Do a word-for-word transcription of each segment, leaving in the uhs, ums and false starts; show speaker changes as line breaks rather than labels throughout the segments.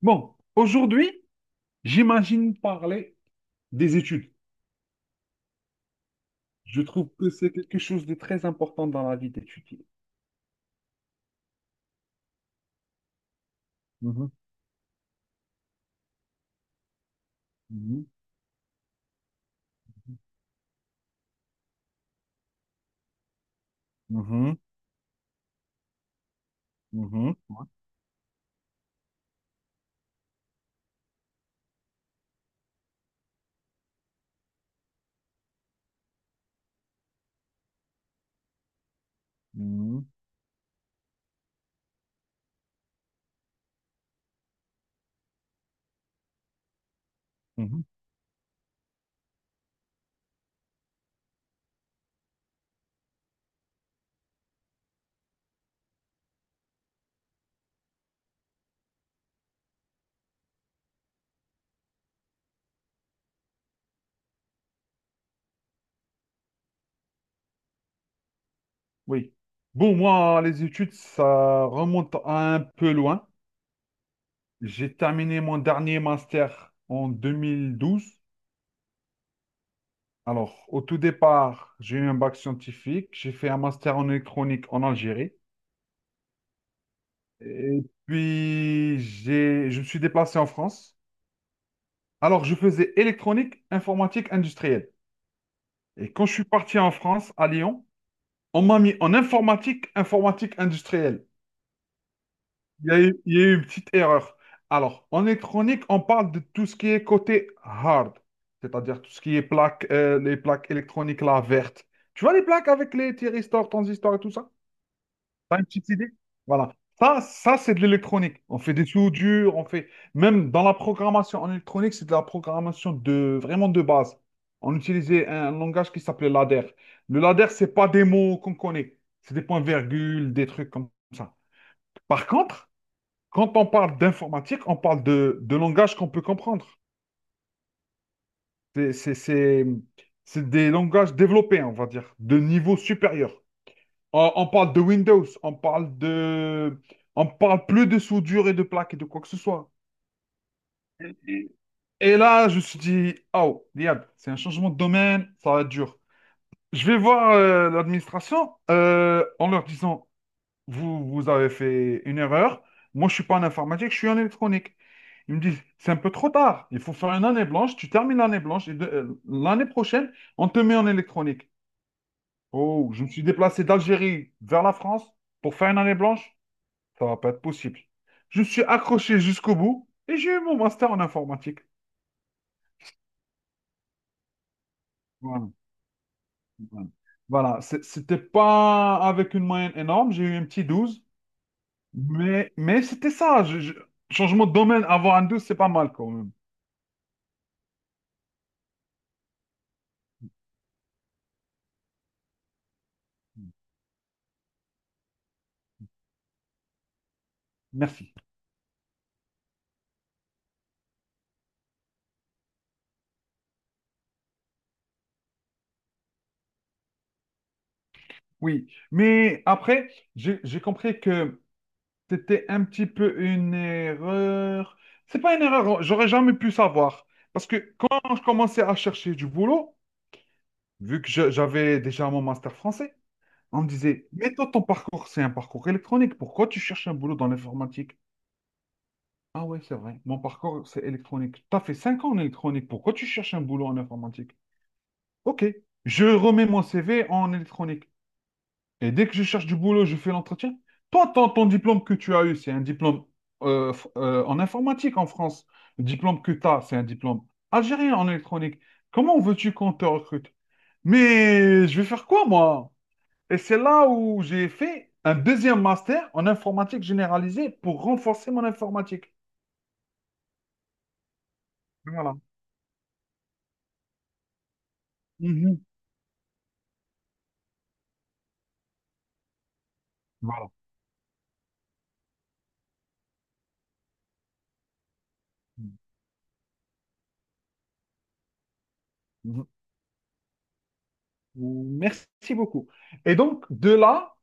Bon, aujourd'hui, j'imagine parler des études. Je trouve que c'est quelque chose de très important dans la vie d'étudier. Mhm, mhm, mhm, mhm, mhm, mhm. Oui. Bon, moi, les études, ça remonte à un peu loin. J'ai terminé mon dernier master en deux mille douze. Alors, au tout départ, j'ai eu un bac scientifique. J'ai fait un master en électronique en Algérie. Et puis, j'ai, je me suis déplacé en France. Alors, je faisais électronique, informatique, industrielle. Et quand je suis parti en France, à Lyon, on m'a mis en informatique, informatique, industrielle. Il y a eu, il y a eu une petite erreur. Alors, en électronique, on parle de tout ce qui est côté hard, c'est-à-dire tout ce qui est plaques, euh, les plaques électroniques là, vertes. Tu vois les plaques avec les thyristors, transistors et tout ça? T'as une petite idée? Voilà. Ça, ça c'est de l'électronique. On fait des tuyaux durs, on fait. Même dans la programmation en électronique, c'est de la programmation de... vraiment de base. On utilisait un langage qui s'appelait ladder. Le ladder, c'est pas des mots qu'on connaît. C'est des points-virgules, des trucs comme ça. Par contre, quand on parle d'informatique, on parle de, de langage qu'on peut comprendre. C'est c'est- c'est- c'est des langages développés, on va dire, de niveau supérieur. On, on parle de Windows, on parle de... On parle plus de soudure et de plaques et de quoi que ce soit. Et et là, je me suis dit, oh, diable, c'est un changement de domaine, ça va être dur. Je vais voir euh, l'administration euh, en leur disant, vous, vous avez fait une erreur. Moi, je suis pas en informatique, je suis en électronique. Ils me disent, c'est un peu trop tard. Il faut faire une année blanche. Tu termines l'année blanche et de- euh, l'année prochaine, on te met en électronique. Oh, je me suis déplacé d'Algérie vers la France pour faire une année blanche. Ça va pas être possible. Je suis accroché jusqu'au bout et j'ai eu mon master en informatique. Voilà. Voilà. Voilà, c'est- c'était pas avec une moyenne énorme, j'ai eu un petit douze, mais, mais c'était ça. Je- je- changement de domaine, avoir un douze, c'est pas mal quand même. Merci. Oui, mais après, j'ai j'ai compris que c'était un petit peu une erreur. C'est pas une erreur, j'aurais jamais pu savoir. Parce que quand je commençais à chercher du boulot, vu que je- j'avais déjà mon master français, on me disait, mais toi, ton parcours, c'est un parcours électronique. Pourquoi tu cherches un boulot dans l'informatique? Ah ouais, c'est vrai. Mon parcours, c'est électronique. T'as fait cinq ans en électronique. Pourquoi tu cherches un boulot en informatique? Ok. Je remets mon C V en électronique. Et dès que je cherche du boulot, je fais l'entretien. Toi, ton, ton diplôme que tu as eu, c'est un diplôme euh, f- euh, en informatique en France. Le diplôme que tu as, c'est un diplôme algérien en électronique. Comment veux-tu qu'on te recrute? Mais je vais faire quoi, moi? Et c'est là où j'ai fait un deuxième master en informatique généralisée pour renforcer mon informatique. Voilà. Mhm. Voilà. Mhm. Merci beaucoup. Et donc, de là,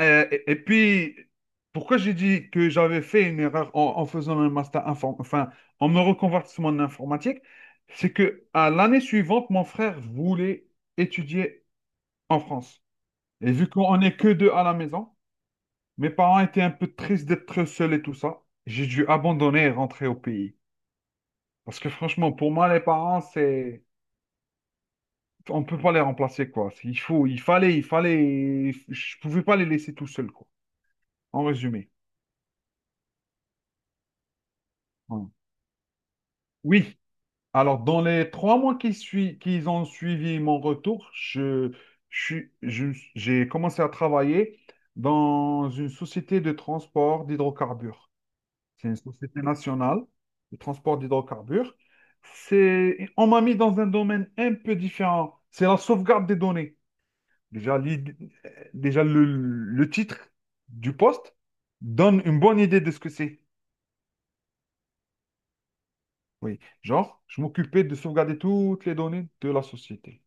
euh, et, et puis, pourquoi j'ai dit que j'avais fait une erreur en, en faisant un master inform- enfin, en me reconvertissant en informatique, c'est que à l'année suivante, mon frère voulait étudier en France. Et vu qu'on n'est que deux à la maison, mes parents étaient un peu tristes d'être seuls et tout ça. J'ai dû abandonner et rentrer au pays. Parce que franchement, pour moi, les parents, c'est. On peut pas les remplacer, quoi. C'est- Il faut, il fallait, il fallait... Je pouvais pas les laisser tout seuls, quoi. En résumé. Voilà. Oui. Alors, dans les trois mois qui sui- qui ont suivi mon retour, je, je suis- je- j'ai commencé à travailler dans une société de transport d'hydrocarbures. C'est une société nationale de transport d'hydrocarbures. C'est, on m'a mis dans un domaine un peu différent. C'est la sauvegarde des données. Déjà, l'id- déjà le, le titre du poste donne une bonne idée de ce que c'est. Oui, genre, je m'occupais de sauvegarder toutes les données de la société.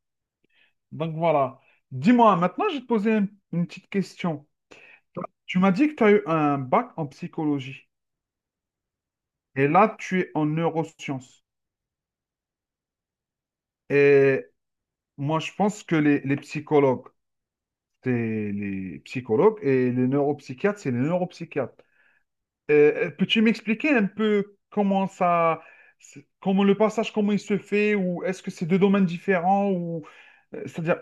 Donc voilà. Dis-moi, maintenant, je vais te poser un- une petite question. Tu m'as dit que tu as eu un bac en psychologie et là, tu es en neurosciences. Et moi, je pense que les, les psychologues, c'est les psychologues et les neuropsychiatres, c'est les neuropsychiatres. Euh, euh, peux-tu m'expliquer un peu comment ça, c'est- comment le passage, comment il se fait, ou est-ce que c'est deux domaines différents, ou euh, c'est-à-dire.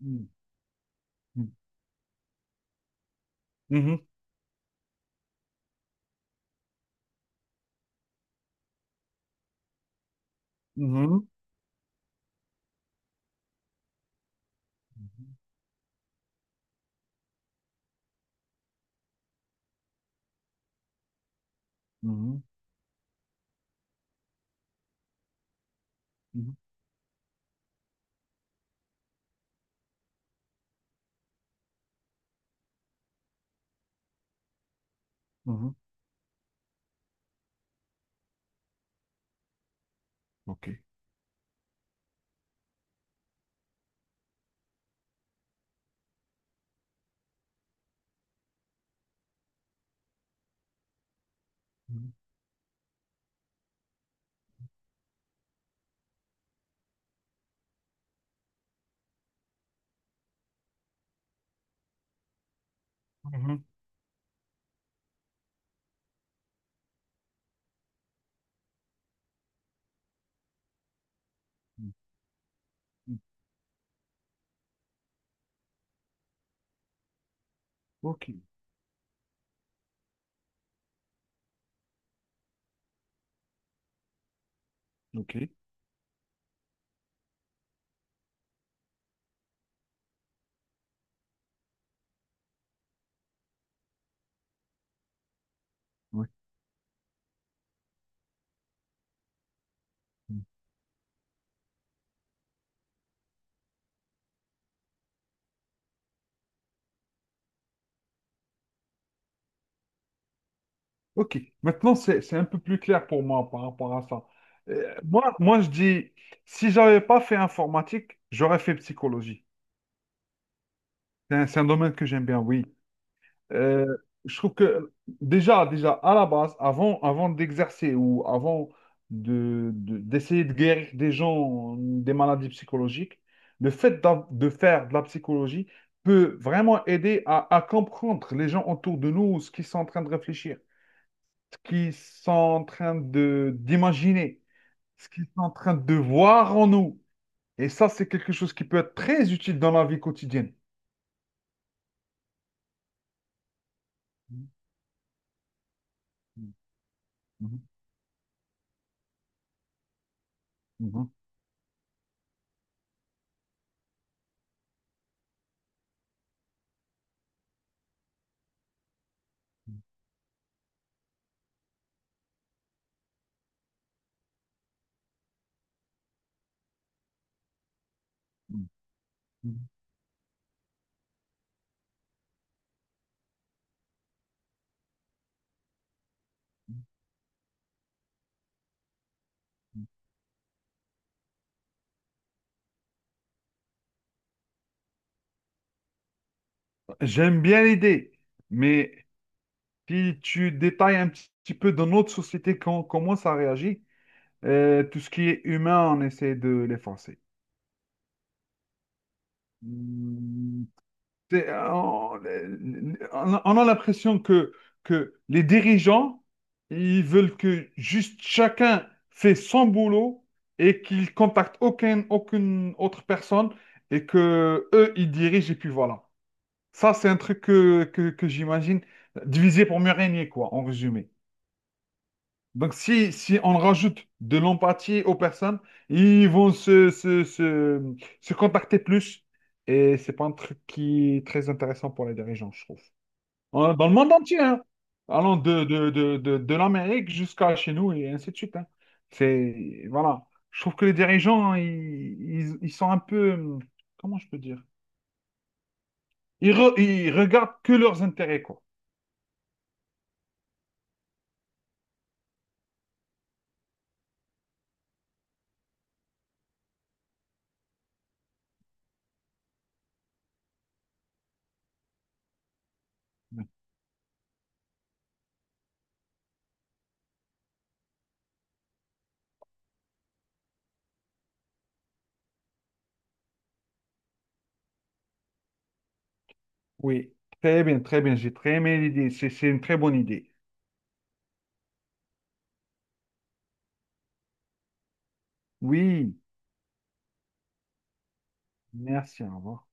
Mhm, mhm, mhm, mhm, mhm, mhm. Ok. Mhm, mhm, mhm. Ok. Ok. Oui. Ok, maintenant c'est c'est un peu plus clair pour moi par rapport à ça. Euh, moi, moi, je dis, si j'avais pas fait informatique, j'aurais fait psychologie. C'est un, c'est un domaine que j'aime bien, oui. Euh, je trouve que déjà, déjà, à la base, avant, avant d'exercer ou avant de, de- d'essayer de guérir des gens des maladies psychologiques, le fait d'av- de faire de la psychologie peut vraiment aider à, à comprendre les gens autour de nous, ce qu'ils sont en train de réfléchir. Ce qu'ils sont en train de d'imaginer, ce qu'ils sont en train de voir en nous. Et ça, c'est quelque chose qui peut être très utile dans la vie quotidienne. Mhm, mhm, mhm, mhm. J'aime bien l'idée, mais si tu détailles un petit petit peu dans notre société quand, comment ça réagit, euh, tout ce qui est humain, on essaie de l'effacer. Hmm. C'est- euh, on, on- a l'impression que, que les dirigeants, ils veulent que juste chacun fait son boulot et qu'ils contactent aucun, aucune autre personne et que eux, ils dirigent et puis voilà. Ça, c'est un truc que, que, que j'imagine diviser pour mieux régner, quoi, en résumé. Donc, si, si on rajoute de l'empathie aux personnes, ils vont se, se, se, se contacter plus. Et c'est pas un truc qui est très intéressant pour les dirigeants, je trouve. Euh, Dans le monde entier, hein. Allant de, de, de, de, de l'Amérique jusqu'à chez nous et ainsi de suite. Hein. C'est, voilà. Je trouve que les dirigeants, hein, ils, ils, ils sont un peu, hum, comment je peux dire? Ils, re- ils regardent que leurs intérêts, quoi. Oui, très bien, très bien. J'ai très aimé l'idée. C'est c'est une très bonne idée. Oui. Merci, au revoir.